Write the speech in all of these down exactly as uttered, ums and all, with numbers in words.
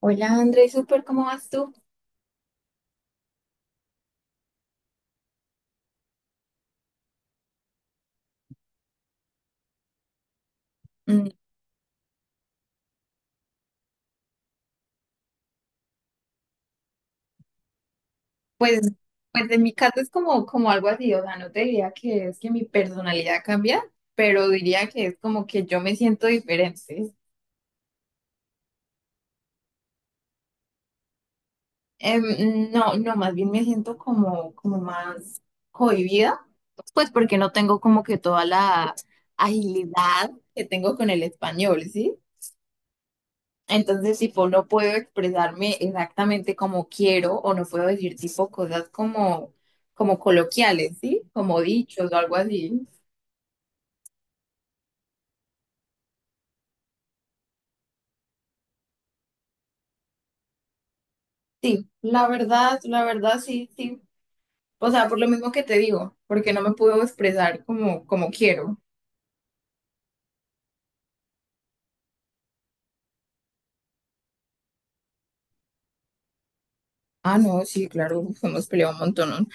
Hola André, súper, ¿cómo vas tú? Mm, Pues, pues en mi caso es como, como algo así, o sea, no te diría que es que mi personalidad cambia, pero diría que es como que yo me siento diferente. Em, no, no, más bien me siento como, como más cohibida, pues porque no tengo como que toda la agilidad que tengo con el español, ¿sí? Entonces, tipo, no puedo expresarme exactamente como quiero o no puedo decir tipo cosas como, como, coloquiales, ¿sí? Como dichos o algo así. Sí, la verdad, la verdad, sí, sí. O sea, por lo mismo que te digo, porque no me puedo expresar como, como quiero. Ah, no, sí, claro, uf, hemos peleado un montón.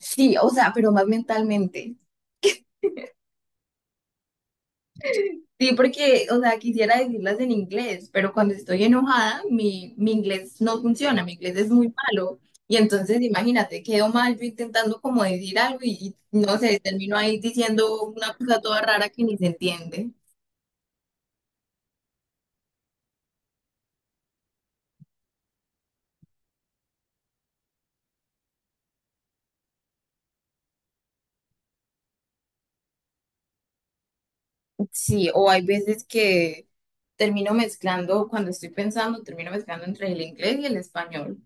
Sí, o sea, pero más mentalmente. Sí, porque, o sea, quisiera decirlas en inglés, pero cuando estoy enojada, mi, mi inglés no funciona, mi inglés es muy malo. Y entonces, imagínate, quedo mal yo intentando como decir algo y, y no sé, termino ahí diciendo una cosa toda rara que ni se entiende. Sí, o hay veces que termino mezclando, cuando estoy pensando, termino mezclando entre el inglés y el español.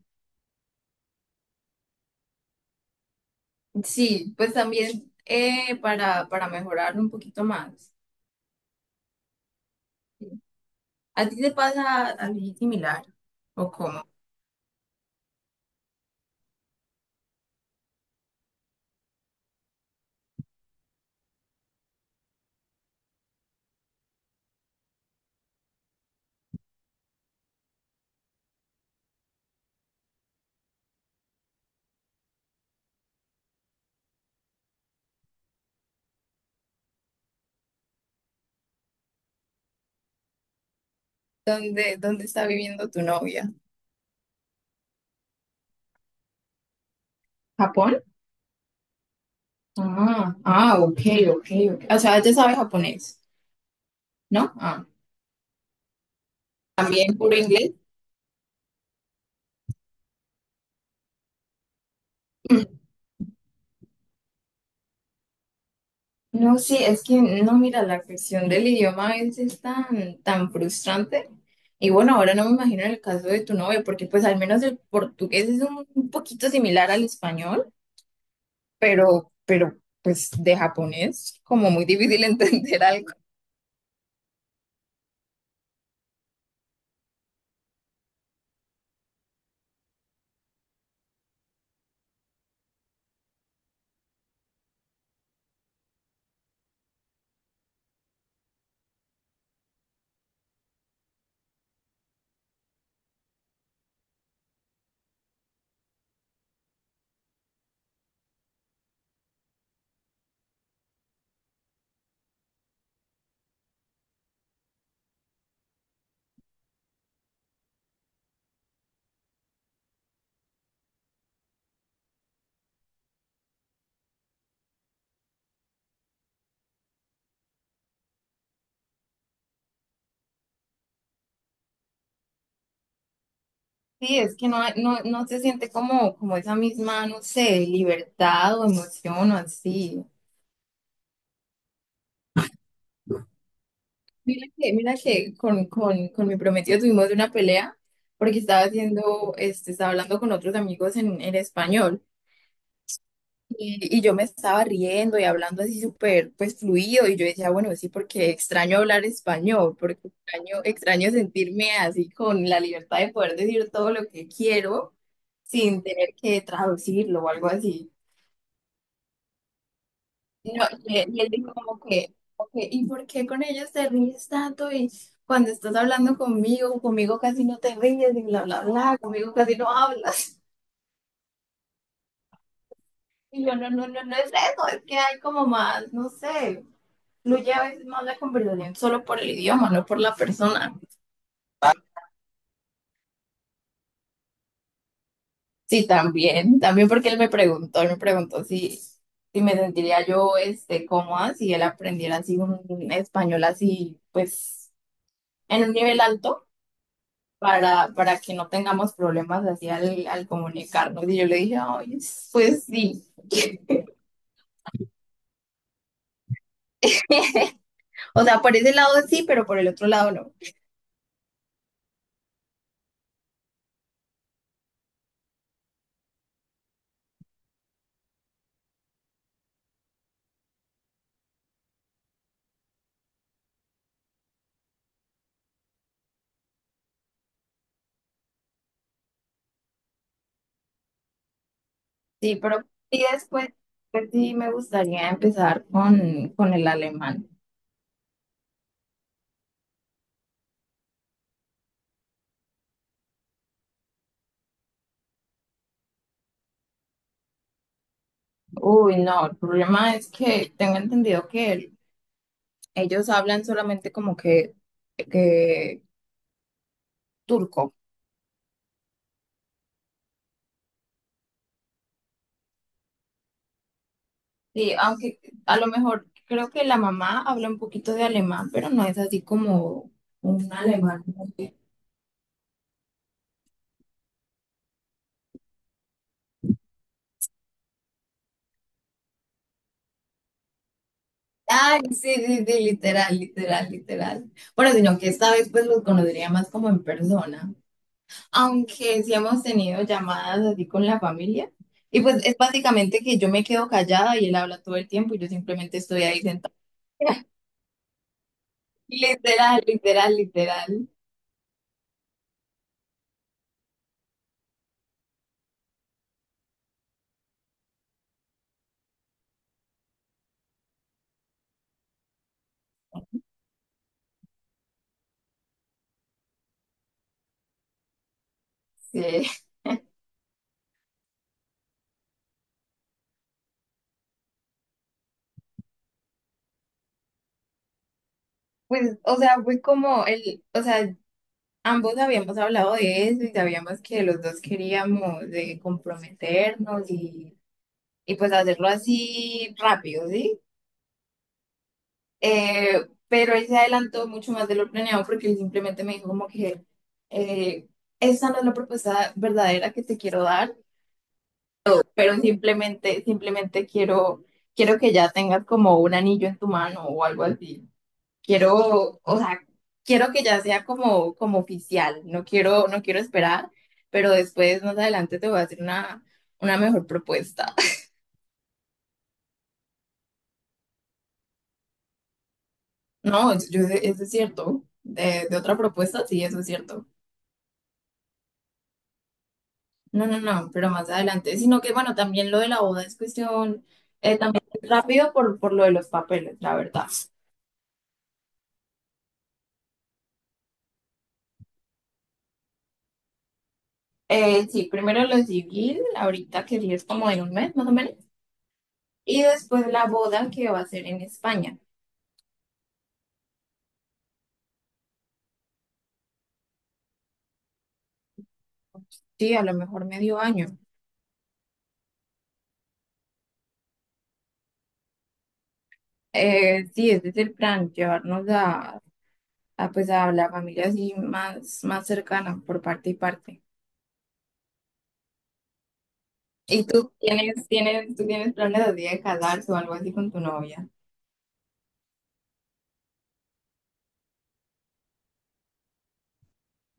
Sí, pues también eh, para, para mejorar un poquito más. ¿A ti te pasa algo similar? ¿O cómo? ¿Dónde, dónde está viviendo tu novia? ¿Japón? Ah, ah, ok, ok, ok. O sea, ella sabe japonés, ¿no? Ah, también puro inglés. No, sí, es que no, mira, la cuestión del idioma a veces es tan, tan frustrante. Y bueno, ahora no me imagino el caso de tu novio, porque pues al menos el portugués es un, un poquito similar al español, pero, pero pues de japonés, como muy difícil entender algo. Sí, es que no, hay- no, no se siente como, como, esa misma, no sé, libertad o emoción o así. Mira que, mira que con, con, con mi prometido tuvimos una pelea porque estaba haciendo, este, estaba hablando con otros amigos en, en español y, y yo me estaba riendo y hablando así súper, pues fluido y yo decía, bueno, sí, porque extraño hablar español, porque extraño, extraño sentirme así con la libertad de poder decir todo lo que quiero sin tener que traducirlo o algo así. No, y él, y él dijo como que, ok, ¿y por qué con ellos te ríes tanto? Y cuando estás hablando conmigo, conmigo casi no te ríes, y bla, bla, bla, conmigo casi no hablas. Y yo, no, no, no, no es eso, es que hay como más, no sé, fluye a veces más la conversación solo por el idioma, no por la persona. Sí, también, también porque él me preguntó, él me preguntó si, si me sentiría yo, este, cómoda si él aprendiera así un español así, pues, en un nivel alto. para, para que no tengamos problemas así al, al, comunicarnos. Y yo le dije, ay, pues sí. O sea, por ese lado sí, pero por el otro lado no. Sí, pero sí después, pues sí, me gustaría empezar con, con, el alemán. Uy, no, el problema es que tengo entendido que ellos hablan solamente como que, que turco. Sí, aunque a lo mejor creo que la mamá habla un poquito de alemán, pero no es así como un alemán. Ay, sí, sí, sí, literal, literal, literal. Bueno, sino que esta vez pues los conocería más como en persona, aunque sí hemos tenido llamadas así con la familia. Y pues es básicamente que yo me quedo callada y él habla todo el tiempo y yo simplemente estoy ahí sentada. Literal, literal, literal. Sí. Pues, o sea, fue como el, o sea, ambos habíamos hablado de eso y sabíamos que los dos queríamos de comprometernos y, y pues hacerlo así rápido, ¿sí? Eh, pero él se adelantó mucho más de lo planeado porque él simplemente me dijo como que eh, esa no es la propuesta verdadera que te quiero dar, pero simplemente, simplemente quiero, quiero que ya tengas como un anillo en tu mano o algo así. Quiero, o sea, quiero que ya sea como, como oficial. No quiero, no quiero esperar, pero después más adelante te voy a hacer una, una mejor propuesta. No, yo- eso es cierto. De, de otra propuesta, sí, eso es cierto. No, no, no, pero más adelante, sino que bueno, también lo de la boda es cuestión, eh, también rápido por, por lo de los papeles, la verdad. Eh, sí, primero lo civil, ahorita que sí es como en un mes más o menos, y después la boda que va a ser en España, sí, a lo mejor medio año. Eh, sí, ese es el plan, llevarnos a, a, pues a la familia así más, más cercana por parte y parte. ¿Y tú tienes, tienes, tú tienes planes así de casarse o algo así con tu novia?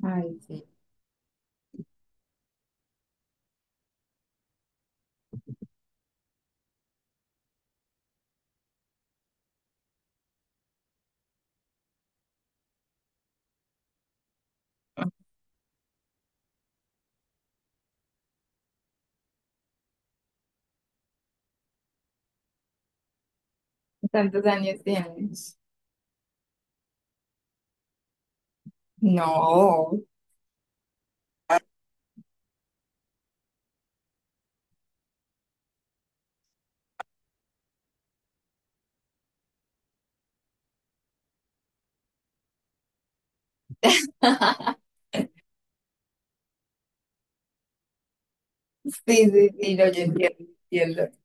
Ay, sí. ¿Cuántos años tienes? No. Sí, sí, sí, no, yo entiendo, entiendo.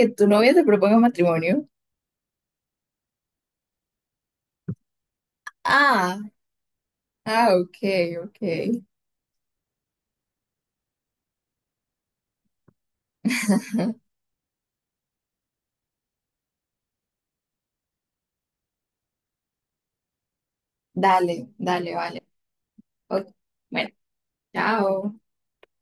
Que tu novia te proponga matrimonio. Ah, ah, ok, ok. Dale, dale, vale. Ok, Bueno, chao.